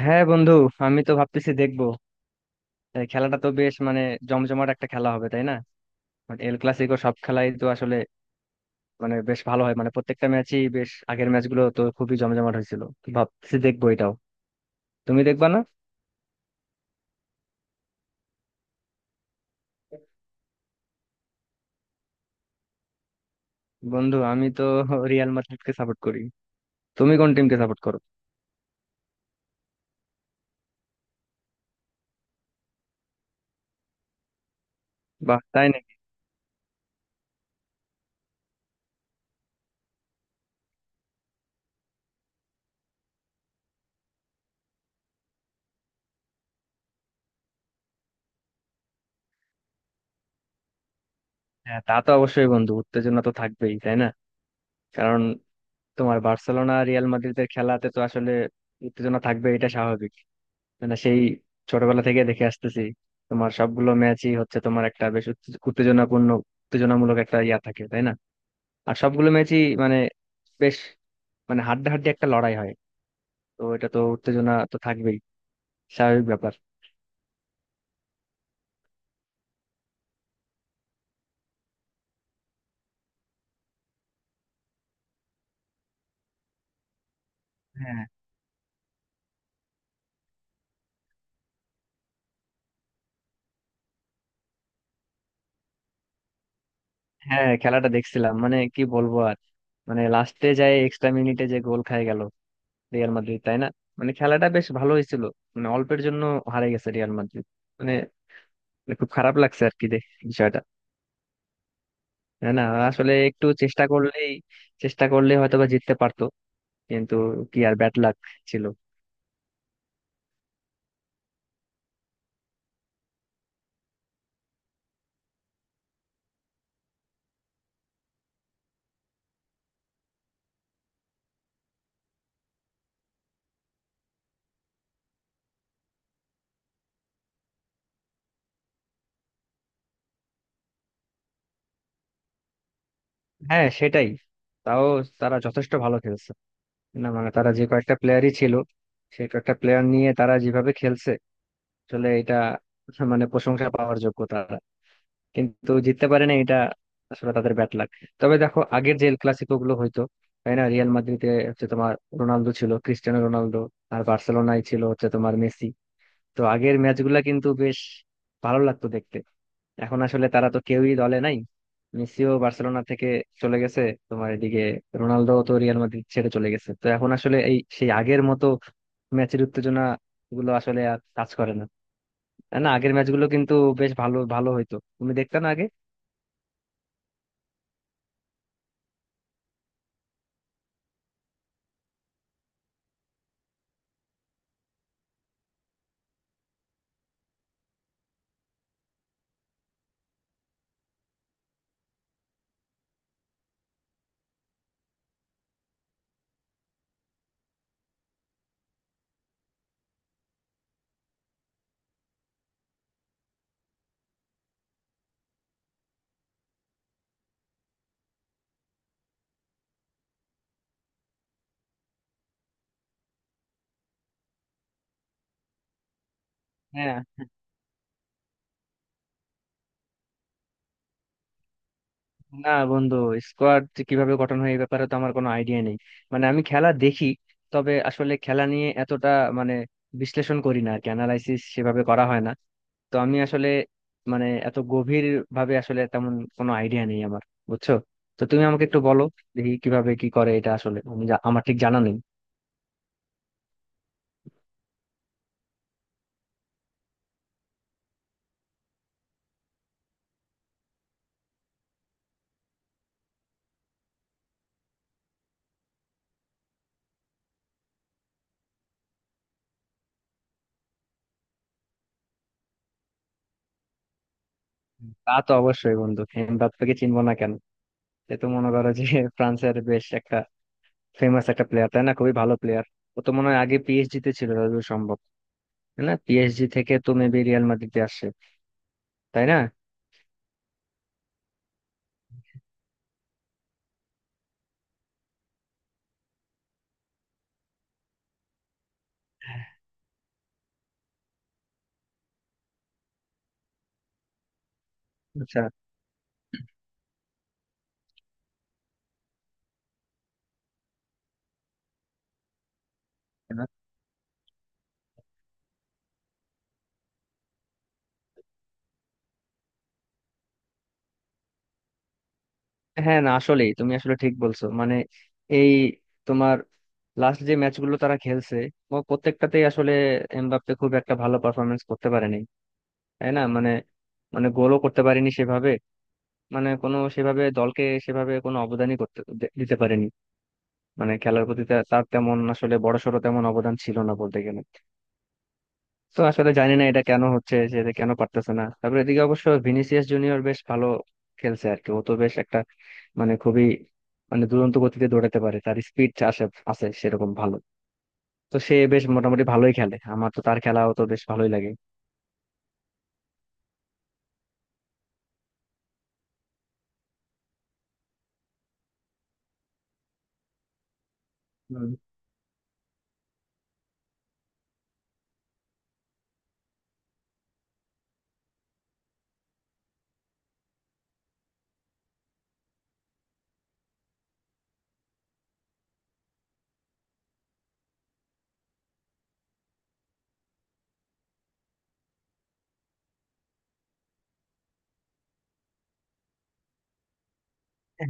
হ্যাঁ বন্ধু, আমি তো ভাবতেছি দেখবো। তাই খেলাটা তো বেশ, জমজমাট একটা খেলা হবে, তাই না? এল ক্লাসিকো সব খেলাই তো আসলে বেশ ভালো হয়, প্রত্যেকটা ম্যাচই বেশ, আগের ম্যাচগুলো তো খুবই জমজমাট হয়েছিল, তো ভাবতেছি দেখবো এটাও। তুমি দেখবা না? বন্ধু আমি তো রিয়াল মাদ্রিদকে সাপোর্ট করি। তুমি কোন টিমকে সাপোর্ট করো? বাহ, তাই না! হ্যাঁ, তা তো অবশ্যই বন্ধু, উত্তেজনা তো থাকবেই, তাই না? কারণ তোমার বার্সেলোনা রিয়াল মাদ্রিদের খেলাতে তো আসলে উত্তেজনা থাকবে, এটা স্বাভাবিক। সেই ছোটবেলা থেকে দেখে আসতেছি, তোমার সবগুলো ম্যাচই হচ্ছে তোমার একটা বেশ উত্তেজনাপূর্ণ, উত্তেজনামূলক একটা ইয়া থাকে, তাই না? আর সবগুলো ম্যাচই বেশ, হাড্ডাহাড্ডি একটা লড়াই হয়। তো এটা তো উত্তেজনা তো থাকবেই, স্বাভাবিক ব্যাপার। হ্যাঁ, খেলাটা দেখছিলাম, কি বলবো আর। লাস্টে যায় এক্সট্রা মিনিটে যে গোল খায় গেল রিয়াল মাদ্রিদ, তাই না? খেলাটা বেশ ভালো হয়েছিল, অল্পের জন্য হারে গেছে রিয়াল মাদ্রিদ। মানে খুব খারাপ লাগছে আর কি, দেখ বিষয়টা। না, না, আসলে একটু চেষ্টা করলেই, চেষ্টা করলে হয়তো বা জিততে পারতো, কিন্তু কি আর, ব্যাড লাক ছিল। হ্যাঁ, সেটাই। তাও তারা যথেষ্ট ভালো খেলছে। না তারা যে কয়েকটা প্লেয়ারই ছিল, সেই কয়েকটা প্লেয়ার নিয়ে তারা যেভাবে খেলছে, আসলে এটা প্রশংসা পাওয়ার যোগ্য তারা। কিন্তু জিততে পারে না, এটা আসলে তাদের ব্যাড লাক। তবে দেখো, আগের যে এল ক্লাসিকো গুলো হইতো, তাই না? রিয়াল মাদ্রিদে হচ্ছে তোমার রোনালদো ছিল, ক্রিস্টিয়ানো রোনালদো, আর বার্সেলোনায় ছিল হচ্ছে তোমার মেসি। তো আগের ম্যাচগুলা কিন্তু বেশ ভালো লাগতো দেখতে। এখন আসলে তারা তো কেউই দলে নাই। মেসিও বার্সেলোনা থেকে চলে গেছে, তোমার এদিকে রোনালদো তো রিয়াল মাদ্রিদ ছেড়ে চলে গেছে। তো এখন আসলে এই সেই আগের মতো ম্যাচের উত্তেজনা গুলো আসলে আর কাজ করে না, তাই না? আগের ম্যাচগুলো কিন্তু বেশ ভালো ভালো হইতো, তুমি দেখতে না আগে? হ্যাঁ, না বন্ধু, স্কোয়াড কিভাবে গঠন হয় এই ব্যাপারে তো আমার কোনো আইডিয়া নেই। আমি খেলা দেখি, তবে আসলে খেলা নিয়ে এতটা মানে বিশ্লেষণ করি না আর কি, অ্যানালাইসিস সেভাবে করা হয় না। তো আমি আসলে এত গভীর ভাবে আসলে তেমন কোনো আইডিয়া নেই আমার, বুঝছো? তো তুমি আমাকে একটু বলো, দেখি কিভাবে কি করে, এটা আসলে আমি আমার ঠিক জানা নেই। তা তো অবশ্যই বন্ধু, এমবাপ্পেকে চিনবো না কেন? এ তো মনে করো যে ফ্রান্সের বেশ একটা ফেমাস একটা প্লেয়ার, তাই না? খুবই ভালো প্লেয়ার। ও তো মনে হয় আগে পিএসজি তে ছিল, যতদূর সম্ভব। তাই না? পিএসজি থেকে তো মেবি রিয়াল মাদ্রিদে আসছে, তাই না? আচ্ছা। হ্যাঁ, না আসলেই তুমি আসলে ঠিক বলছো। এই তোমার লাস্ট যে ম্যাচগুলো তারা খেলছে, ও প্রত্যেকটাতেই আসলে এমবাপ্পে খুব একটা ভালো পারফরমেন্স করতে পারেনি, তাই না? মানে মানে গোলও করতে পারেনি সেভাবে, কোনো সেভাবে দলকে সেভাবে কোনো অবদানই করতে দিতে পারেনি। খেলার প্রতি তার তেমন আসলে বড়সড় তেমন অবদান ছিল না বলতে গেলে। তো আসলে জানি না এটা কেন হচ্ছে, যে এটা কেন পারতেছে না। তারপরে এদিকে অবশ্য ভিনিসিয়াস জুনিয়র বেশ ভালো খেলছে আর কি। ও তো বেশ একটা খুবই দুরন্ত গতিতে দৌড়াতে পারে, তার স্পিড আসে, আছে সেরকম ভালো। তো সে বেশ মোটামুটি ভালোই খেলে। আমার তো তার খেলাও তো বেশ ভালোই লাগে। হুম।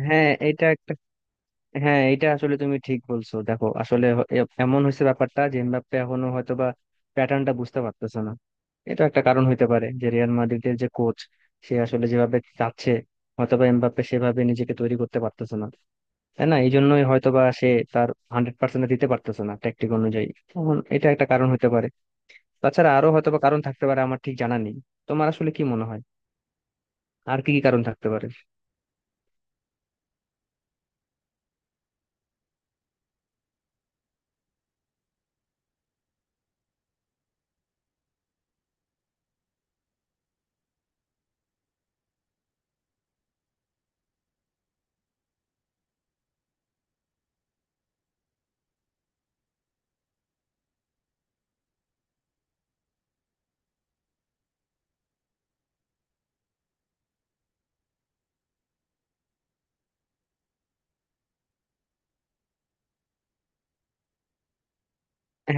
হ্যাঁ এটা হ্যাঁ এটা আসলে তুমি ঠিক বলছো। দেখো আসলে এমন হয়েছে ব্যাপারটা, যে এমবাপ্পে এখনো হয়তোবা প্যাটার্নটা বুঝতে পারতেছে না। এটা একটা কারণ হইতে পারে, যে রিয়াল মাদ্রিদের যে কোচ, সে আসলে যেভাবে চাচ্ছে, হয়তোবা এমবাপ্পে সেভাবে নিজেকে তৈরি করতে পারতেছে না, তাই না? এই জন্যই হয়তোবা সে তার হান্ড্রেড পার্সেন্ট দিতে পারতেছে না ট্যাকটিক অনুযায়ী। তখন এটা একটা কারণ হইতে পারে। তাছাড়া আরো হয়তোবা কারণ থাকতে পারে, আমার ঠিক জানা নেই। তোমার আসলে কি মনে হয়, আর কি কি কারণ থাকতে পারে?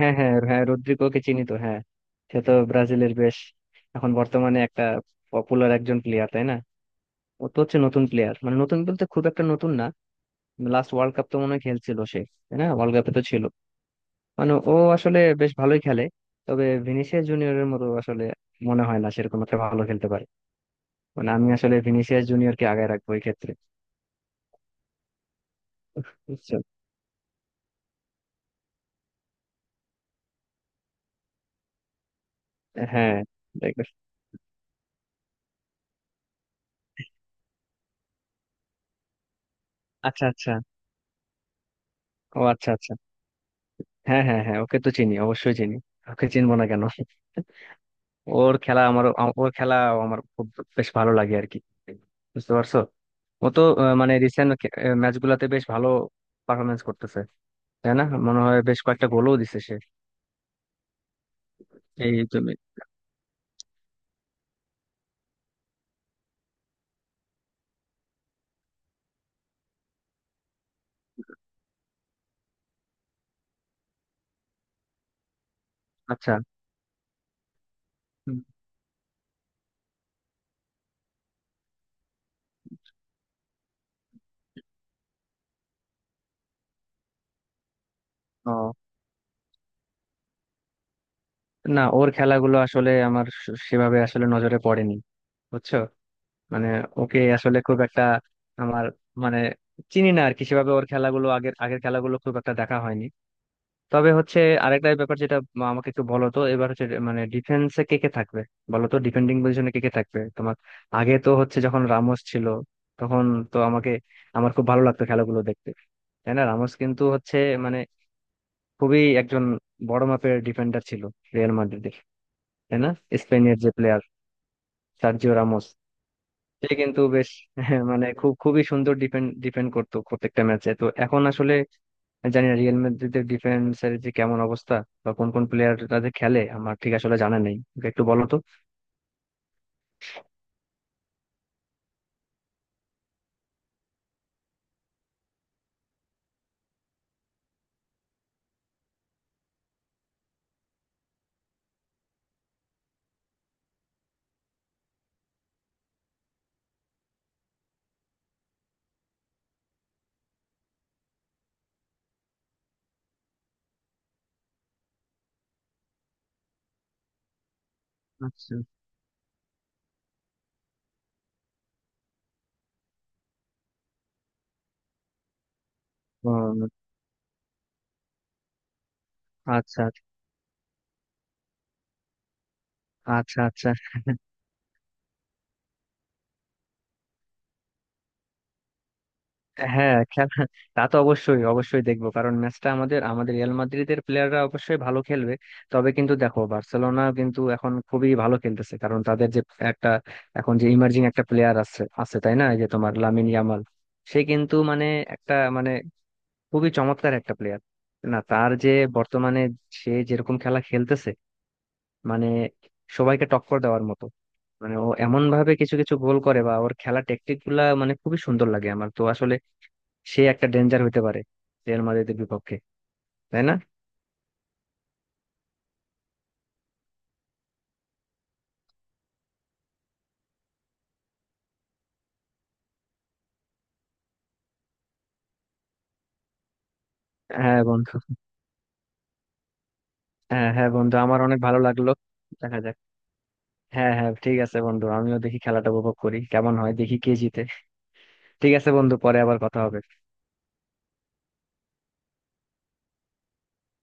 হ্যাঁ, হ্যাঁ হ্যাঁ রদ্রিগোকে চিনি তো, হ্যাঁ। সে তো ব্রাজিলের বেশ এখন বর্তমানে একটা পপুলার একজন প্লেয়ার, তাই না? ও তো হচ্ছে নতুন প্লেয়ার, মানে নতুন বলতে খুব একটা নতুন না। লাস্ট ওয়ার্ল্ড কাপ তো মনে হয় খেলছিল সে, তাই না? ওয়ার্ল্ড কাপে তো ছিল। ও আসলে বেশ ভালোই খেলে। তবে ভিনিসিয়াস জুনিয়রের মতো আসলে মনে হয় না সেরকম একটা ভালো খেলতে পারে। আমি আসলে ভিনিসিয়াস জুনিয়রকে আগায় রাখবো এই ক্ষেত্রে, বুঝছো? হ্যাঁ, দেখবে। আচ্ছা, আচ্ছা। ও আচ্ছা, আচ্ছা। হ্যাঁ, হ্যাঁ হ্যাঁ ওকে তো চিনি, অবশ্যই চিনি। ওকে চিনবো না কেন? ওর খেলা আমার ওর খেলা আমার খুব বেশ ভালো লাগে আর কি, বুঝতে পারছো? ও তো রিসেন্ট ম্যাচ গুলাতে বেশ ভালো পারফরমেন্স করতেছে, তাই না? মনে হয় বেশ কয়েকটা গোলও দিছে সে। এই তুমি আচ্ছা। হুম। ও, না, ওর খেলাগুলো আসলে আমার সেভাবে আসলে নজরে পড়েনি, বুঝছো? মানে ওকে আসলে খুব একটা আমার মানে চিনি না আর কি সেভাবে। ওর খেলাগুলো আগের আগের খেলাগুলো খুব একটা দেখা হয়নি। তবে হচ্ছে আরেকটা ব্যাপার যেটা, আমাকে একটু বলো তো এবার হচ্ছে, ডিফেন্সে কে কে থাকবে? বলো তো, ডিফেন্ডিং পজিশনে কে কে থাকবে তোমার? আগে তো হচ্ছে যখন রামোস ছিল তখন, তো আমাকে, আমার খুব ভালো লাগতো খেলাগুলো দেখতে, তাই না? রামোস কিন্তু হচ্ছে মানে খুবই একজন বড় মাপের ডিফেন্ডার ছিল রিয়াল মাদ্রিদের, তাই না? স্পেনের যে প্লেয়ার, সার্জিও রামোস, সে কিন্তু বেশ খুব খুবই সুন্দর ডিফেন্ড ডিফেন্ড করতো প্রত্যেকটা ম্যাচে। তো এখন আসলে আমি জানি না রিয়াল মাদ্রিদের ডিফেন্স এর যে কেমন অবস্থা, বা কোন কোন প্লেয়াররা যে খেলে, আমার ঠিক আসলে জানা নেই। একটু বলো তো। আচ্ছা। উম, আচ্ছা, আচ্ছা। আচ্ছা, হ্যাঁ খেলা, তা তো অবশ্যই, অবশ্যই দেখবো, কারণ ম্যাচটা আমাদের আমাদের রিয়াল মাদ্রিদের প্লেয়াররা অবশ্যই ভালো খেলবে। তবে কিন্তু দেখো, বার্সেলোনা কিন্তু এখন খুবই ভালো খেলতেছে, কারণ তাদের যে একটা এখন যে ইমার্জিং একটা প্লেয়ার আছে আছে, তাই না? এই যে তোমার লামিন ইয়ামাল, সে কিন্তু একটা খুবই চমৎকার একটা প্লেয়ার। না, তার যে বর্তমানে সে যেরকম খেলা খেলতেছে, মানে সবাইকে টক্কর দেওয়ার মতো। ও এমন ভাবে কিছু কিছু গোল করে, বা ওর খেলা টেকটিক গুলা খুবই সুন্দর লাগে আমার। তো আসলে সে একটা ডেঞ্জার হতে পারে রিয়াল মাদ্রিদের বিপক্ষে, তাই না? হ্যাঁ বন্ধু, হ্যাঁ হ্যাঁ বন্ধু আমার অনেক ভালো লাগলো। দেখা যাক। হ্যাঁ, ঠিক আছে বন্ধু, আমিও দেখি খেলাটা উপভোগ করি, কেমন হয় দেখি, কে জিতে। ঠিক আছে বন্ধু, পরে আবার কথা হবে।